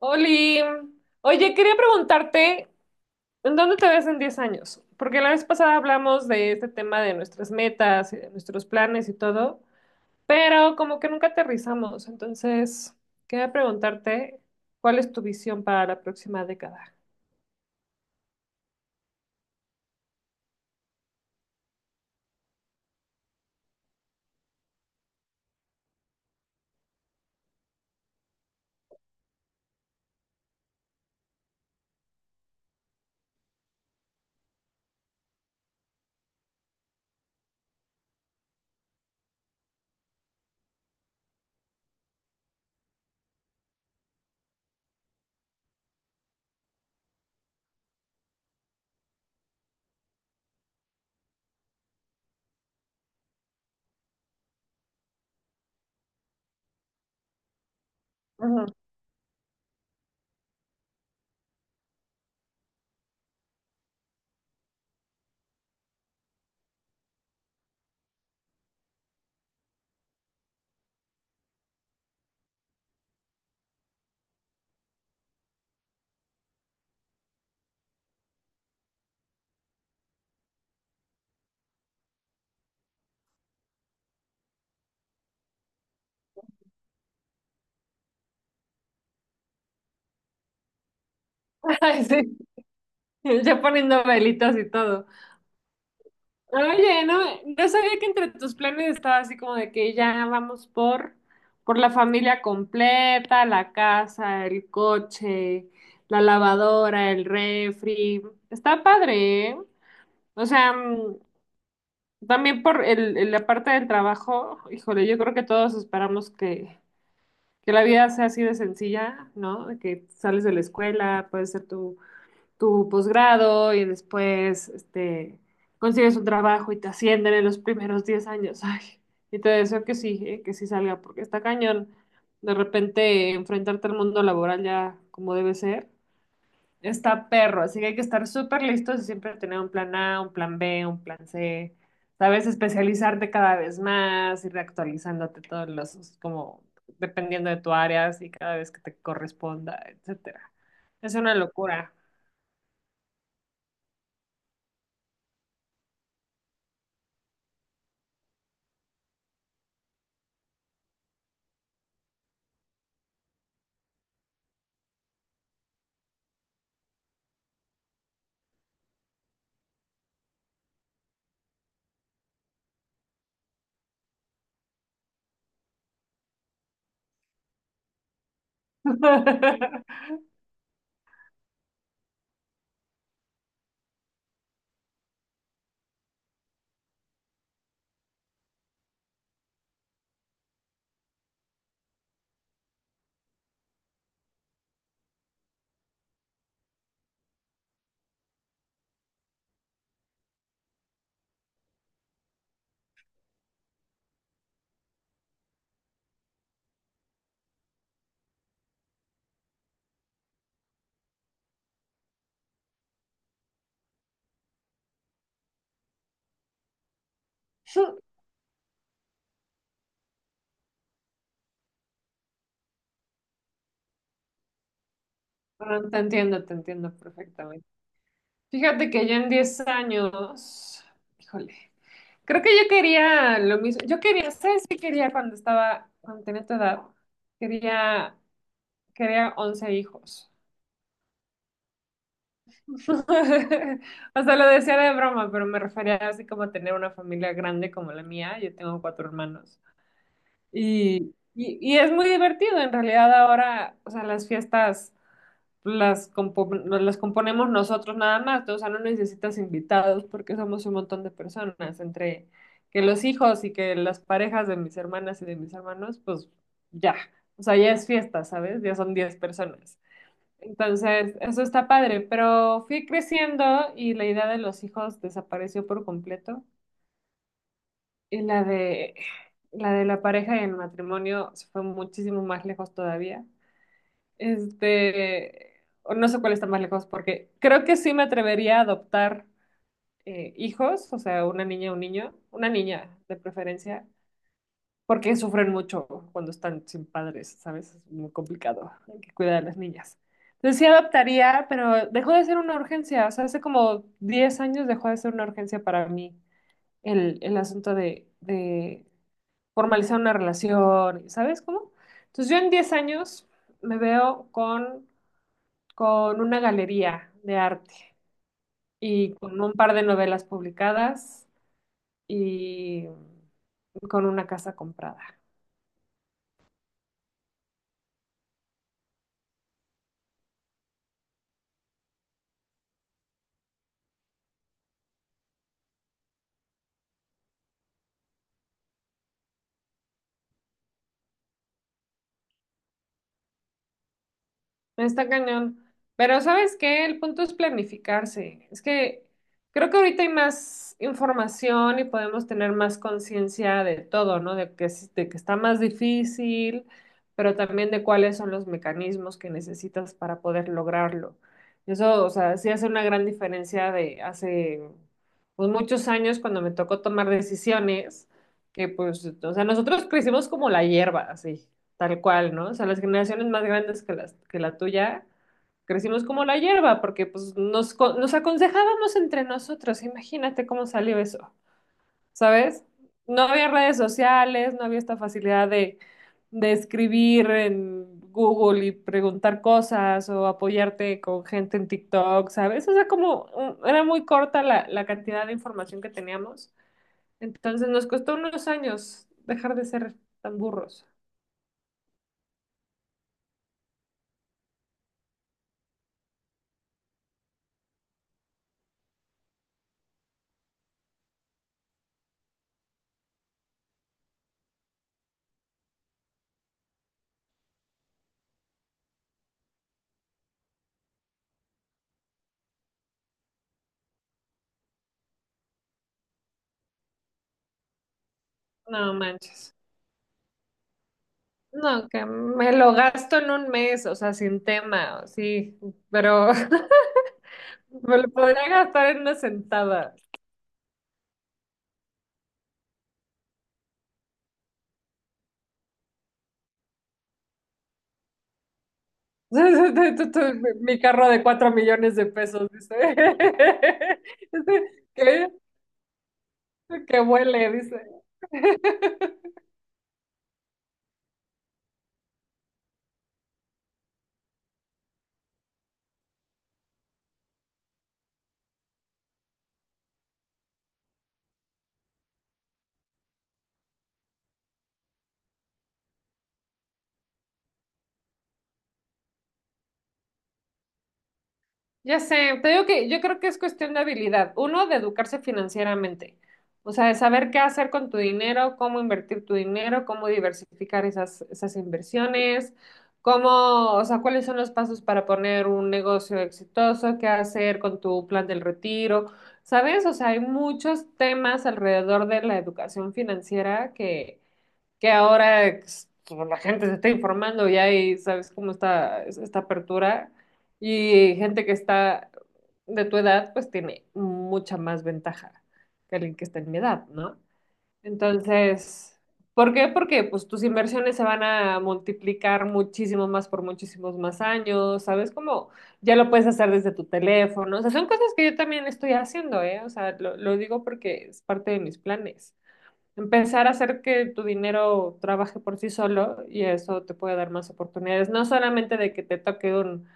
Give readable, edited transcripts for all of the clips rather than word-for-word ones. Oli, oye, quería preguntarte, ¿en dónde te ves en 10 años? Porque la vez pasada hablamos de este tema de nuestras metas y de nuestros planes y todo, pero como que nunca aterrizamos. Entonces, quería preguntarte, ¿cuál es tu visión para la próxima década? Ujú. Ay, sí, ya poniendo velitas y todo. Oye, no, no sabía que entre tus planes estaba así como de que ya vamos por la familia completa, la casa, el coche, la lavadora, el refri. Está padre, ¿eh? O sea, también por la parte del trabajo, híjole, yo creo que todos esperamos que la vida sea así de sencilla, ¿no? De que sales de la escuela, puedes ser tu posgrado y después consigues un trabajo y te ascienden en los primeros 10 años. Ay, y te deseo que sí salga, porque está cañón. De repente enfrentarte al mundo laboral ya como debe ser. Está perro, así que hay que estar súper listos y siempre tener un plan A, un plan B, un plan C. Sabes, especializarte cada vez más, ir actualizándote todos los, como dependiendo de tu área, y cada vez que te corresponda, etcétera. Es una locura. No, te entiendo, te entiendo perfectamente. Fíjate que yo en 10 años, híjole, creo que yo quería lo mismo. Yo quería, ¿sabes qué quería cuando estaba, cuando tenía tu edad? Quería, quería 11 hijos. O sea, lo decía de broma, pero me refería así como a tener una familia grande como la mía. Yo tengo 4 hermanos. Y es muy divertido, en realidad ahora, o sea, las fiestas. Las, las componemos nosotros nada más, ¿no? O sea, no necesitas invitados porque somos un montón de personas, entre que los hijos y que las parejas de mis hermanas y de mis hermanos, pues ya, o sea, ya es fiesta, ¿sabes? Ya son 10 personas. Entonces, eso está padre, pero fui creciendo y la idea de los hijos desapareció por completo y la de la pareja y el matrimonio se fue muchísimo más lejos todavía. Este, o no sé cuál está más lejos, porque creo que sí me atrevería a adoptar hijos, o sea, una niña, un niño, una niña de preferencia, porque sufren mucho cuando están sin padres, ¿sabes? Es muy complicado, hay que cuidar a las niñas. Entonces sí adoptaría, pero dejó de ser una urgencia, o sea, hace como 10 años dejó de ser una urgencia para mí el asunto de formalizar una relación, ¿sabes cómo? Entonces yo en 10 años me veo con una galería de arte y con un par de novelas publicadas y con una casa comprada. Está cañón. Pero ¿sabes qué? El punto es planificarse. Es que creo que ahorita hay más información y podemos tener más conciencia de todo, ¿no? De que, de que está más difícil, pero también de cuáles son los mecanismos que necesitas para poder lograrlo. Eso, o sea, sí hace una gran diferencia de hace pues, muchos años cuando me tocó tomar decisiones, que pues, o sea, nosotros crecimos como la hierba, así tal cual, ¿no? O sea, las generaciones más grandes que las, que la tuya, crecimos como la hierba, porque pues nos, nos aconsejábamos entre nosotros, imagínate cómo salió eso, ¿sabes? No había redes sociales, no había esta facilidad de escribir en Google y preguntar cosas o apoyarte con gente en TikTok, ¿sabes? O sea, como era muy corta la cantidad de información que teníamos, entonces nos costó unos años dejar de ser tan burros. No manches. No, que me lo gasto en un mes, o sea, sin tema, sí, pero me lo podría gastar en una sentada. Mi carro de 4 millones de pesos, dice. Dice, ¿qué? Que huele, dice. Ya sé, te digo que yo creo que es cuestión de habilidad. Uno, de educarse financieramente. O sea, de saber qué hacer con tu dinero, cómo invertir tu dinero, cómo diversificar esas, esas inversiones, cómo, o sea, cuáles son los pasos para poner un negocio exitoso, qué hacer con tu plan del retiro. ¿Sabes? O sea, hay muchos temas alrededor de la educación financiera que ahora pues, la gente se está informando ya y hay, sabes cómo está esta apertura y gente que está de tu edad pues tiene mucha más ventaja que alguien que está en mi edad, ¿no? Entonces, ¿por qué? Porque pues tus inversiones se van a multiplicar muchísimo más por muchísimos más años, ¿sabes? Como ya lo puedes hacer desde tu teléfono, o sea, son cosas que yo también estoy haciendo, ¿eh? O sea, lo digo porque es parte de mis planes empezar a hacer que tu dinero trabaje por sí solo y eso te puede dar más oportunidades, no solamente de que te toque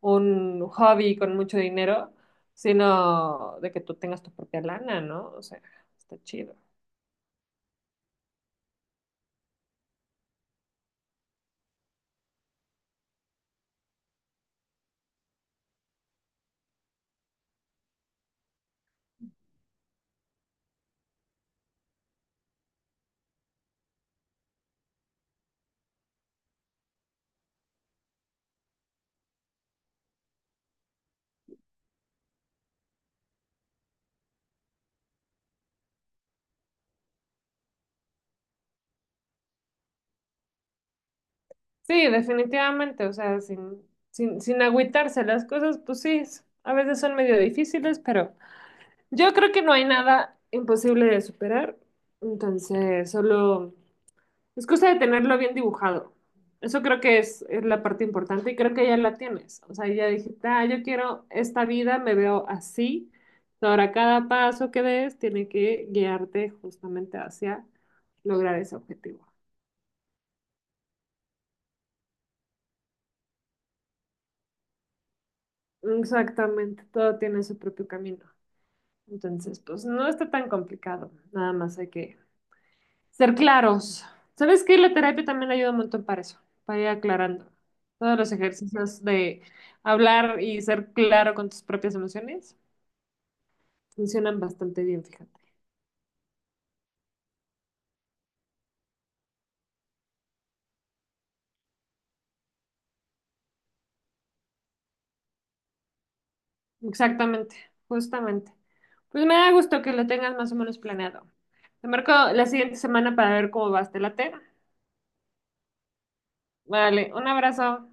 un hobby con mucho dinero, sino de que tú tengas tu propia lana, ¿no? O sea, está chido. Sí, definitivamente, o sea, sin agüitarse las cosas, pues sí, a veces son medio difíciles, pero yo creo que no hay nada imposible de superar, entonces solo... Es cosa de tenerlo bien dibujado. Eso creo que es la parte importante y creo que ya la tienes. O sea, ya dijiste, ah, yo quiero esta vida, me veo así. Ahora cada paso que des tiene que guiarte justamente hacia lograr ese objetivo. Exactamente, todo tiene su propio camino. Entonces, pues no está tan complicado. Nada más hay que ser claros. ¿Sabes qué? La terapia también ayuda un montón para eso, para ir aclarando. Todos los ejercicios de hablar y ser claro con tus propias emociones funcionan bastante bien, fíjate. Exactamente, justamente. Pues me da gusto que lo tengas más o menos planeado. Te marco la siguiente semana para ver cómo vas, ¿te late? Vale, un abrazo.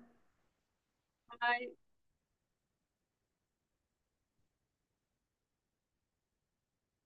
Bye.